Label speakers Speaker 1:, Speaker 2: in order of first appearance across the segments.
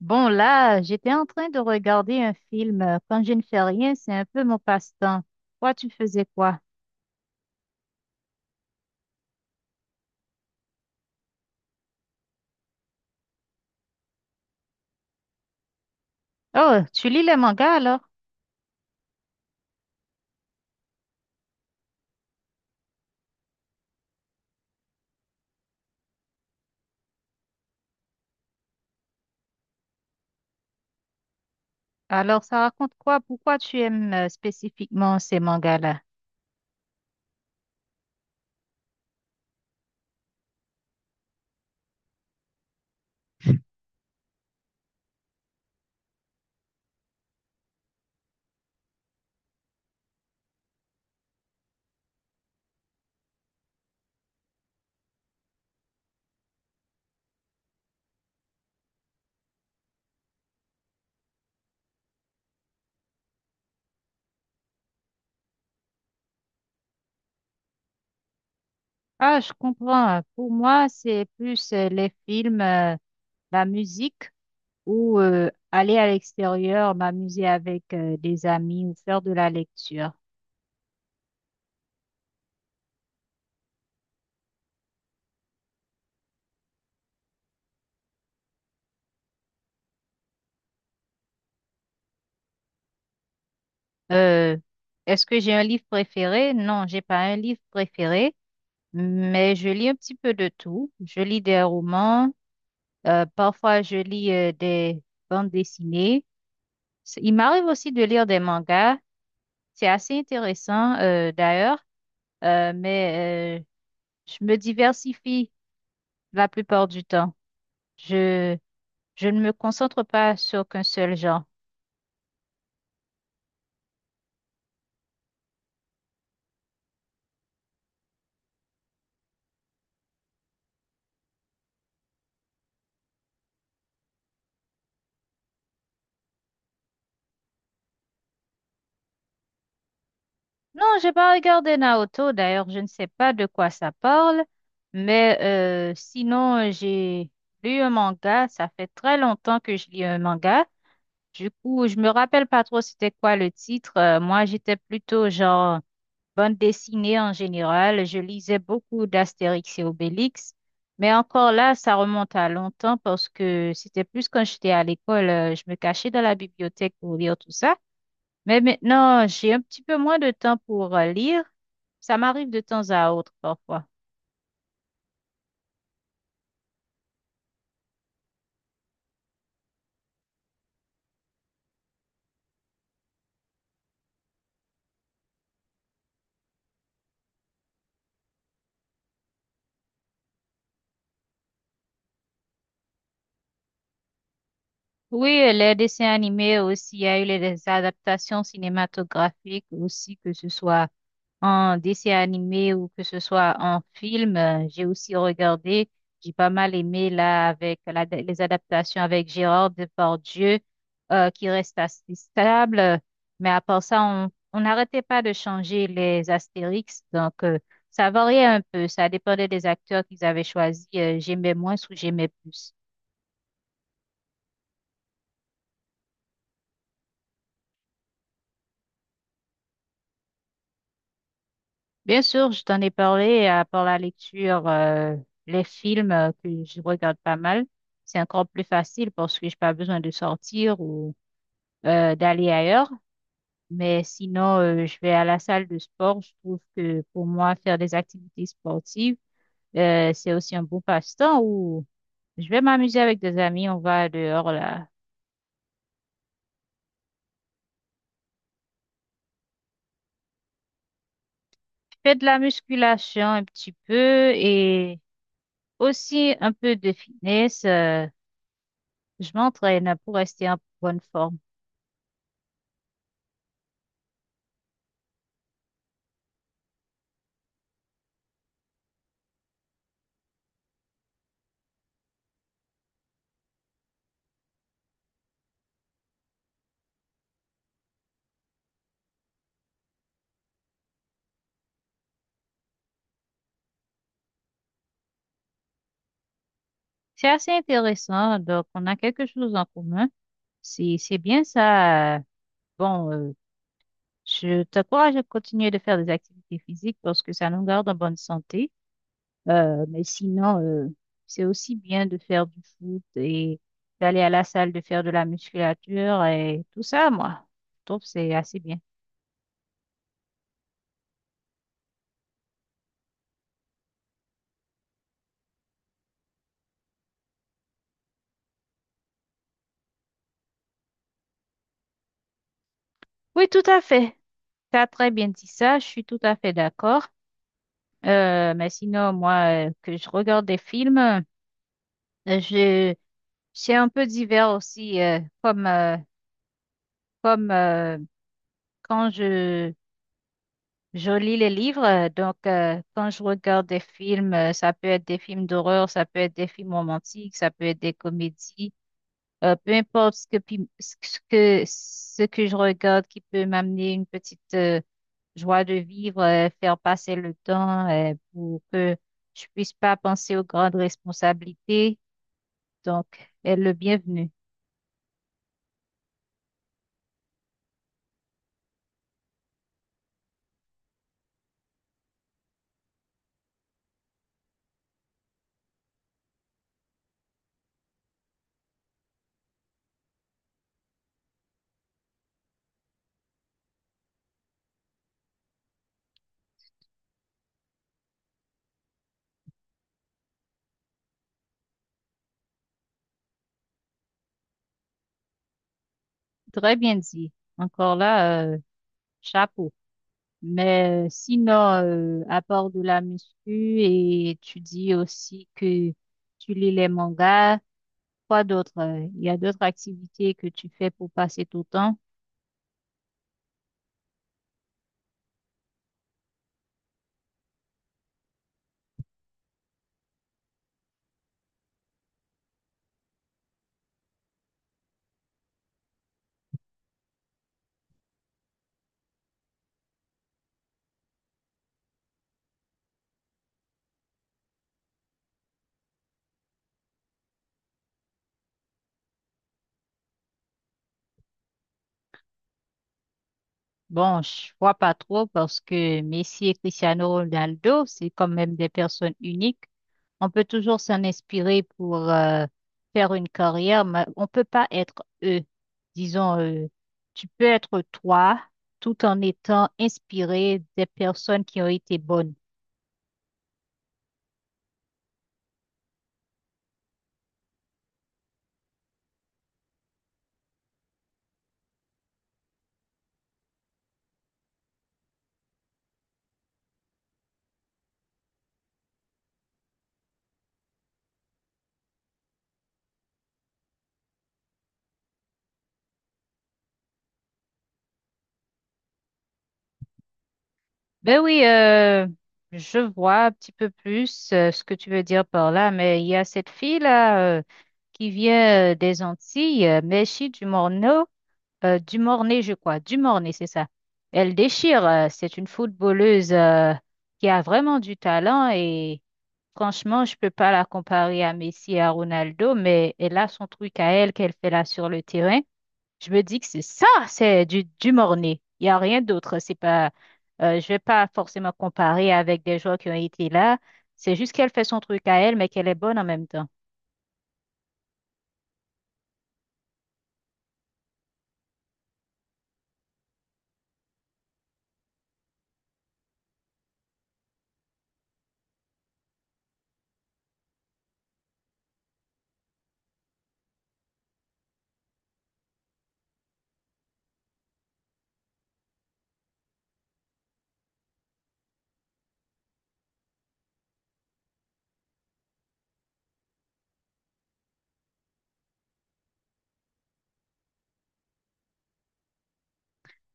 Speaker 1: Bon, là, j'étais en train de regarder un film. Quand je ne fais rien, c'est un peu mon passe-temps. Toi, tu faisais quoi? Oh, tu lis les mangas alors? Alors, ça raconte quoi? Pourquoi tu aimes spécifiquement ces mangas-là? Ah, je comprends. Pour moi, c'est plus les films, la musique ou aller à l'extérieur, m'amuser avec des amis ou faire de la lecture. Euh, Est-ce que j'ai un livre préféré? Non, j'ai pas un livre préféré. Mais je lis un petit peu de tout. Je lis des romans, parfois je lis des bandes dessinées. Il m'arrive aussi de lire des mangas. C'est assez intéressant d'ailleurs, euh, mais euh, je me diversifie la plupart du temps. Je, je ne me concentre pas sur qu'un seul genre. Non, j'ai pas regardé Naruto d'ailleurs, je ne sais pas de quoi ça parle, mais sinon j'ai lu un manga. Ça fait très longtemps que je lis un manga. Du coup, je me rappelle pas trop c'était quoi le titre. Moi, j'étais plutôt genre bande dessinée en général. Je lisais beaucoup d'Astérix et Obélix. Mais encore là, ça remonte à longtemps parce que c'était plus quand j'étais à l'école. Je me cachais dans la bibliothèque pour lire tout ça. Mais maintenant, j'ai un petit peu moins de temps pour lire. Ça m'arrive de temps à autre parfois. Oui, les dessins animés aussi, il y a eu les adaptations cinématographiques aussi, que ce soit en dessin animé ou que ce soit en film. J'ai aussi regardé, j'ai pas mal aimé là avec les adaptations avec Gérard Depardieu qui reste assez stable. Mais à part ça, on n'arrêtait pas de changer les Astérix. Donc, ça variait un peu. Ça dépendait des acteurs qu'ils avaient choisis. J'aimais moins ou j'aimais plus. Bien sûr, je t'en ai parlé à part la lecture, les films que je regarde pas mal. C'est encore plus facile parce que j'ai pas besoin de sortir ou d'aller ailleurs. Mais sinon, je vais à la salle de sport. Je trouve que pour moi, faire des activités sportives, c'est aussi un bon passe-temps où je vais m'amuser avec des amis. On va dehors là. Je fais de la musculation un petit peu et aussi un peu de fitness. Je m'entraîne pour rester en bonne forme. C'est assez intéressant. Donc, on a quelque chose en commun. C'est bien ça. Bon, je t'encourage à continuer de faire des activités physiques parce que ça nous garde en bonne santé. Mais sinon, c'est aussi bien de faire du foot et d'aller à la salle, de faire de la musculature et tout ça, moi. Je trouve que c'est assez bien. Oui, tout à fait. Tu as très bien dit ça. Je suis tout à fait d'accord. Mais sinon, moi, que je regarde des films, je C'est un peu divers aussi, comme, comme quand je lis les livres. Donc, quand je regarde des films, ça peut être des films d'horreur, ça peut être des films romantiques, ça peut être des comédies. Peu importe ce que, ce ce que je regarde qui peut m'amener une petite joie de vivre, faire passer le temps pour que je puisse pas penser aux grandes responsabilités. Donc, elle est le bienvenu. Très bien dit. Encore là. Chapeau. Mais sinon, à part de la muscu et tu dis aussi que tu lis les mangas, quoi d'autre? Il y a d'autres activités que tu fais pour passer ton temps? Bon, je vois pas trop parce que Messi et Cristiano Ronaldo, c'est quand même des personnes uniques. On peut toujours s'en inspirer pour faire une carrière, mais on peut pas être eux. Disons, tu peux être toi tout en étant inspiré des personnes qui ont été bonnes. Ben oui, je vois un petit peu plus ce que tu veux dire par là, mais il y a cette fille-là qui vient des Antilles, Mechi du Morneau. Du Mornay, je crois. Du Mornay, c'est ça. Elle déchire. C'est une footballeuse qui a vraiment du talent et franchement, je peux pas la comparer à Messi et à Ronaldo, mais elle a son truc à elle qu'elle fait là sur le terrain. Je me dis que c'est ça, c'est du Mornay. Il n'y a rien d'autre. C'est pas, je vais pas forcément comparer avec des joueurs qui ont été là. C'est juste qu'elle fait son truc à elle, mais qu'elle est bonne en même temps.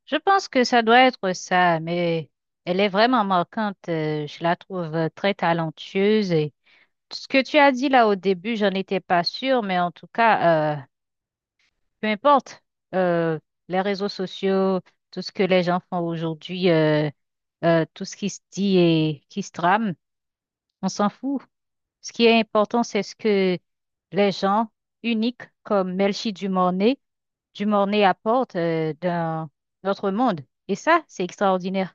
Speaker 1: Je pense que ça doit être ça, mais elle est vraiment marquante. Je la trouve très talentueuse. Et ce que tu as dit là au début, j'en étais pas sûre, mais en tout cas, peu importe, euh, les réseaux sociaux, tout ce que les gens font aujourd'hui, tout ce qui se dit et qui se trame, on s'en fout. Ce qui est important, c'est ce que les gens uniques comme Melchi Dumornay, Dumornay apportent dans notre monde. Et ça, c'est extraordinaire.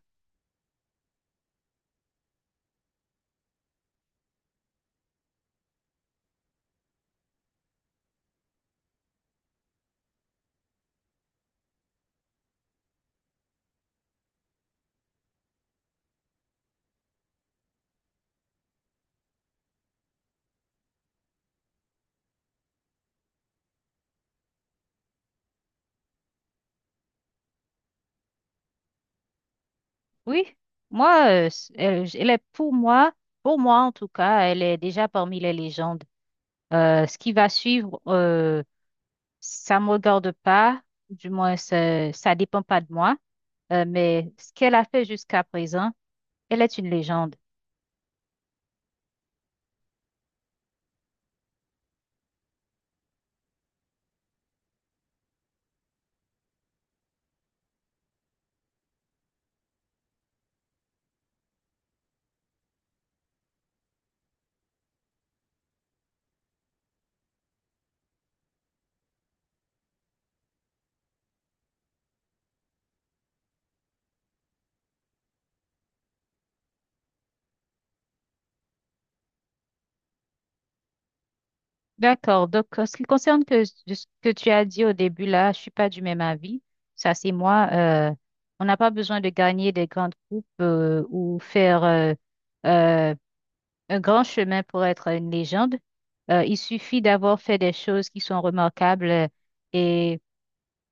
Speaker 1: Oui, moi, elle est pour moi en tout cas, elle est déjà parmi les légendes. Ce qui va suivre, ça me regarde pas, du moins ça dépend pas de moi. Mais ce qu'elle a fait jusqu'à présent, elle est une légende. D'accord. Donc, en ce qui concerne que, de ce que tu as dit au début là, je suis pas du même avis. Ça, c'est moi. On n'a pas besoin de gagner des grandes coupes ou faire euh, un grand chemin pour être une légende. Il suffit d'avoir fait des choses qui sont remarquables et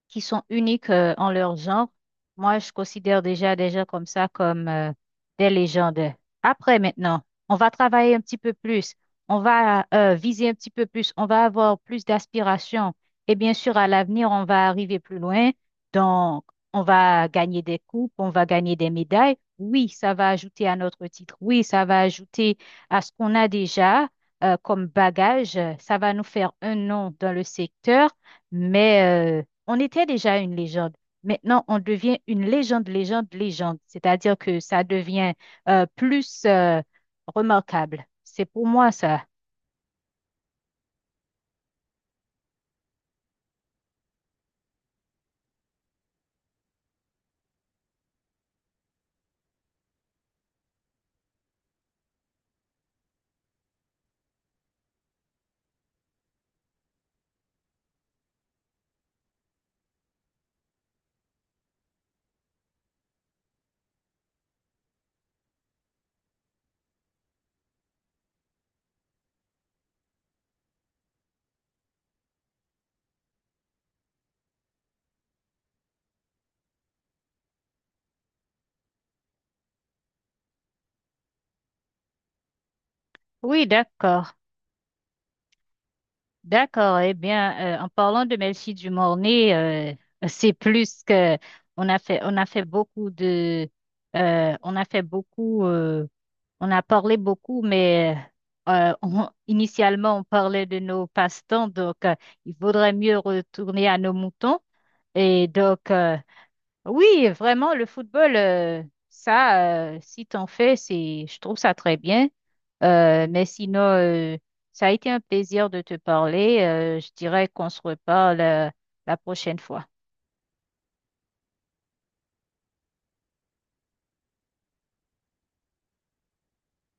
Speaker 1: qui sont uniques en leur genre. Moi, je considère déjà des gens comme ça comme des légendes. Après, maintenant, on va travailler un petit peu plus, on va viser un petit peu plus, on va avoir plus d'aspirations. Et bien sûr, à l'avenir, on va arriver plus loin. Donc, on va gagner des coupes, on va gagner des médailles. Oui, ça va ajouter à notre titre. Oui, ça va ajouter à ce qu'on a déjà comme bagage. Ça va nous faire un nom dans le secteur. Mais on était déjà une légende. Maintenant, on devient une légende, légende, légende. C'est-à-dire que ça devient plus remarquable. C'est pour moi ça. Oui, d'accord. D'accord. Eh bien, en parlant de Melchie du Mornay, c'est plus que on a fait beaucoup on a fait beaucoup, on a parlé beaucoup, mais initialement on parlait de nos passe-temps. Donc, il vaudrait mieux retourner à nos moutons. Et donc, oui, vraiment, le football, si t'en fais, je trouve ça très bien. Mais sinon, ça a été un plaisir de te parler. Je dirais qu'on se reparle, la prochaine fois.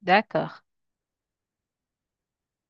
Speaker 1: D'accord.